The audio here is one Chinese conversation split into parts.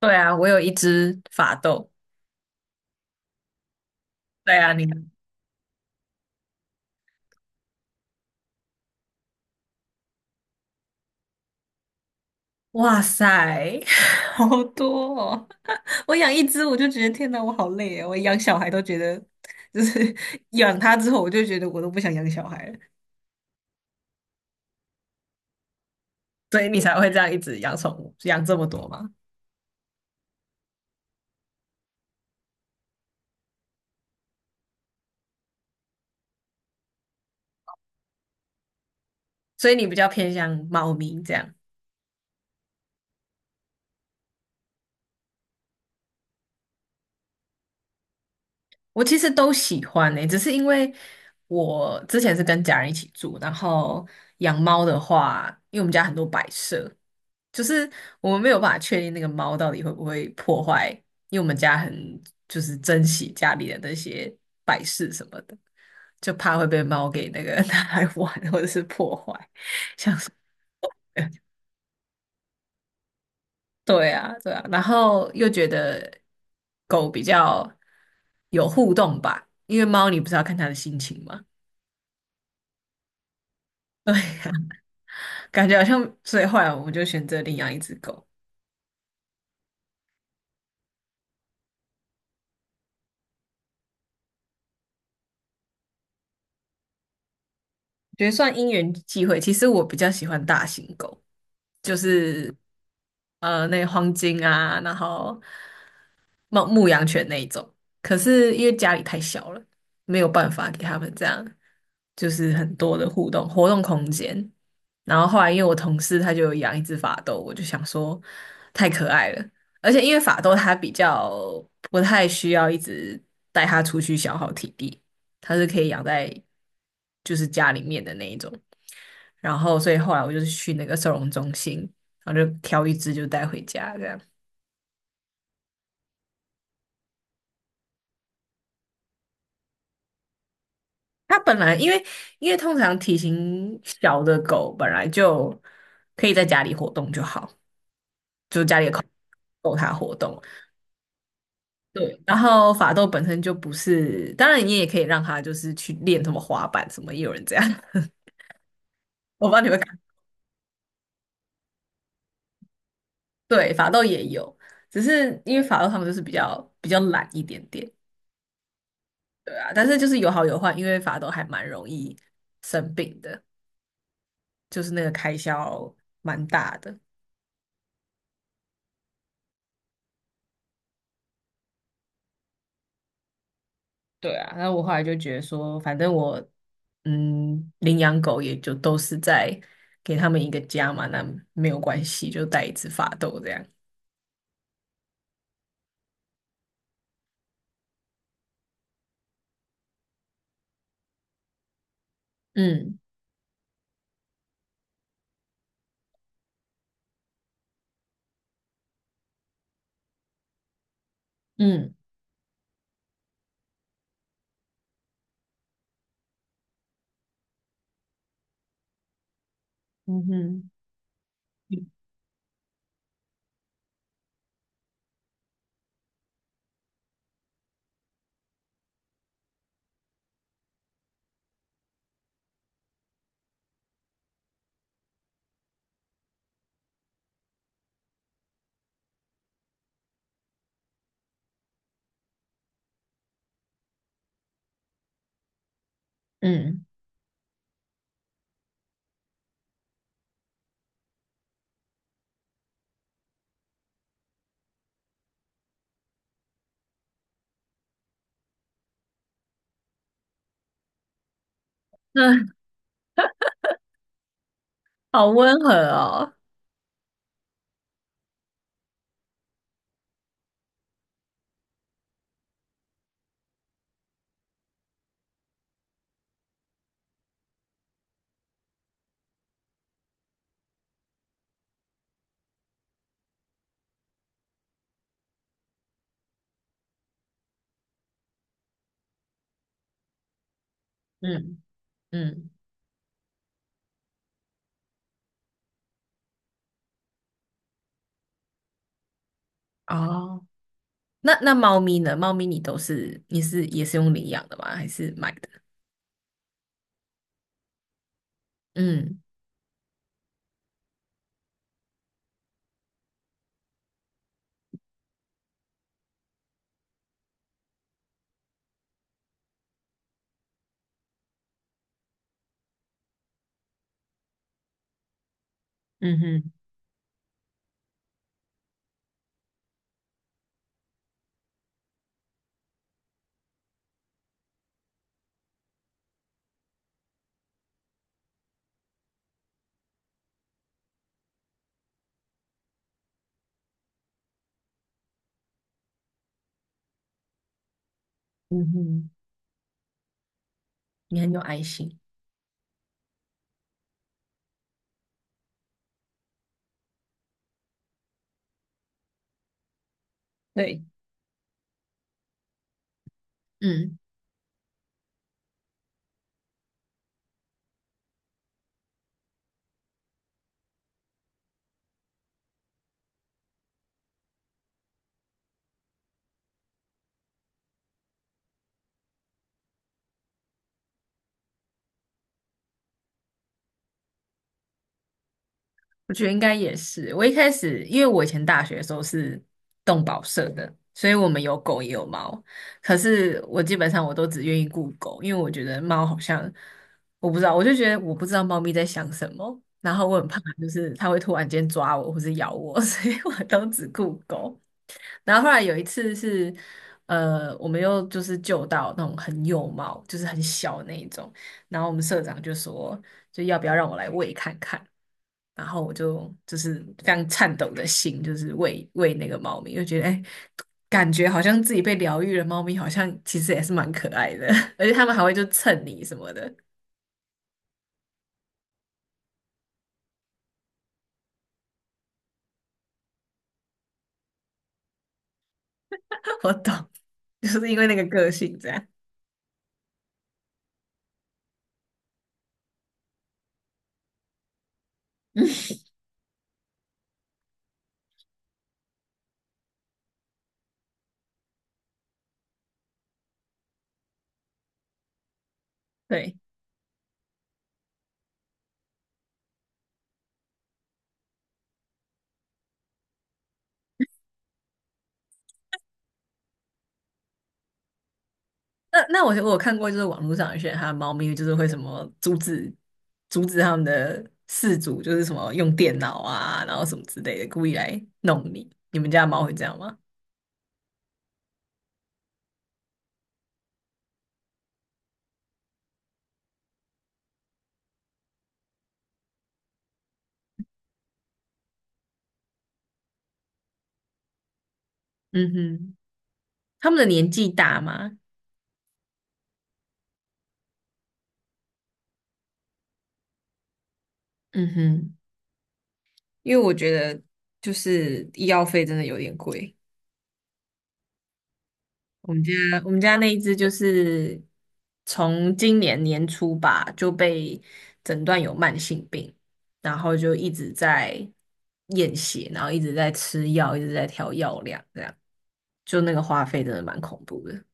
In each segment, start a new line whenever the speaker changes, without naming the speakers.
对啊，我有一只法斗。对啊，你看，哇塞，好多哦！我养一只，我就觉得天哪，我好累啊！我养小孩都觉得，就是 养它之后，我就觉得我都不想养小孩了。所以你才会这样一直养宠物，养这么多吗？所以你比较偏向猫咪这样。我其实都喜欢诶、只是因为我之前是跟家人一起住，然后养猫的话，因为我们家很多摆设，就是我们没有办法确定那个猫到底会不会破坏，因为我们家很就是珍惜家里的那些摆饰什么的，就怕会被猫给那个 拿来玩或者是破坏，像是 对啊对啊，然后又觉得狗比较有互动吧，因为猫你不是要看它的心情嘛，对呀、感觉好像，所以后来我们就选择领养一只狗。觉得算因缘际会。其实我比较喜欢大型狗，就是那个黄金啊，然后牧羊犬那一种。可是因为家里太小了，没有办法给他们这样，就是很多的互动活动空间。然后后来因为我同事他就有养一只法斗，我就想说太可爱了，而且因为法斗它比较不太需要一直带它出去消耗体力。它是可以养在就是家里面的那一种。然后，所以后来我就是去那个收容中心，然后就挑一只就带回家这样。它本来因为通常体型小的狗本来就可以在家里活动就好，就家里的空间够它活动。对，然后法斗本身就不是，当然你也可以让它就是去练什么滑板什么，也有人这样，我不知道你们看，对，法斗也有，只是因为法斗他们就是比较懒一点点，对啊，但是就是有好有坏，因为法斗还蛮容易生病的，就是那个开销蛮大的。对啊，那我后来就觉得说，反正我嗯领养狗也就都是在给他们一个家嘛，那没有关系，就带一只法斗这样。嗯。嗯。嗯哼。嗯，那好温和哦。嗯。嗯。哦，那那猫咪呢？猫咪你都是也是用领养的吗？还是买的？嗯。嗯哼。嗯哼。你很有爱心。对，嗯，我觉得应该也是。我一开始，因为我以前大学的时候是动保社的，所以我们有狗也有猫。可是我基本上我都只愿意顾狗，因为我觉得猫好像我不知道，我就觉得我不知道猫咪在想什么，然后我很怕就是它会突然间抓我或是咬我，所以我都只顾狗。然后后来有一次是，我们又就是救到那种很幼猫，就是很小那一种。然后我们社长就说，就要不要让我来喂看看？然后我就就是非常颤抖的心，就是喂那个猫咪，就觉得哎，感觉好像自己被疗愈了。猫咪好像其实也是蛮可爱的，而且它们还会就蹭你什么的。我懂，就是因为那个个性这样。嗯，对。那那我有看过，就是网络上有些人他的猫咪就是会什么阻止他们的饲主，就是什么用电脑啊，然后什么之类的，故意来弄你。你们家的猫会这样吗？嗯哼，他们的年纪大吗？嗯哼，因为我觉得就是医药费真的有点贵。我们家我们家那一只就是从今年年初吧就被诊断有慢性病，然后就一直在验血，然后一直在吃药，一直在调药量，这样就那个花费真的蛮恐怖的，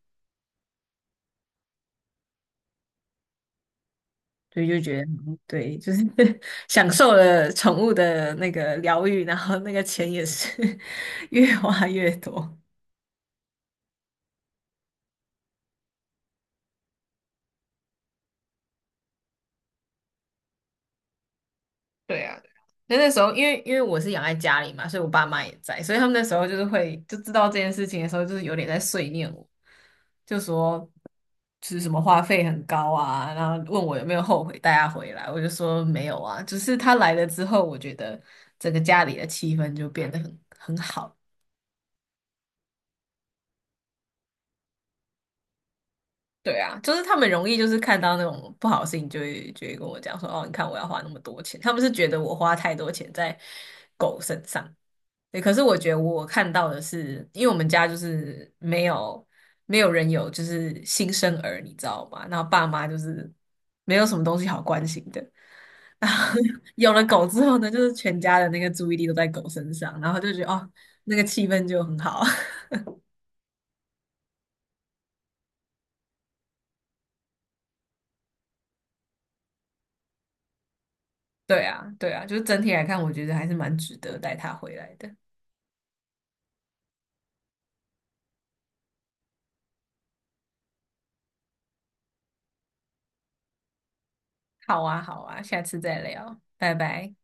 所以就觉得嗯对，就是 享受了宠物的那个疗愈，然后那个钱也是 越花越多。对啊，对啊。那那时候，因为我是养在家里嘛，所以我爸妈也在，所以他们那时候就是会就知道这件事情的时候，就是有点在碎念我，就说就是什么花费很高啊，然后问我有没有后悔带他回来，我就说没有啊，只是他来了之后，我觉得整个家里的气氛就变得很好。对啊，就是他们容易就是看到那种不好的事情，就会跟我讲说，哦，你看我要花那么多钱，他们是觉得我花太多钱在狗身上。对，可是我觉得我看到的是，因为我们家就是没有人有就是新生儿，你知道吗？然后爸妈就是没有什么东西好关心的。然后 有了狗之后呢，就是全家的那个注意力都在狗身上，然后就觉得哦，那个气氛就很好。对啊，对啊，就是整体来看，我觉得还是蛮值得带它回来的。好啊，好啊，下次再聊，拜拜。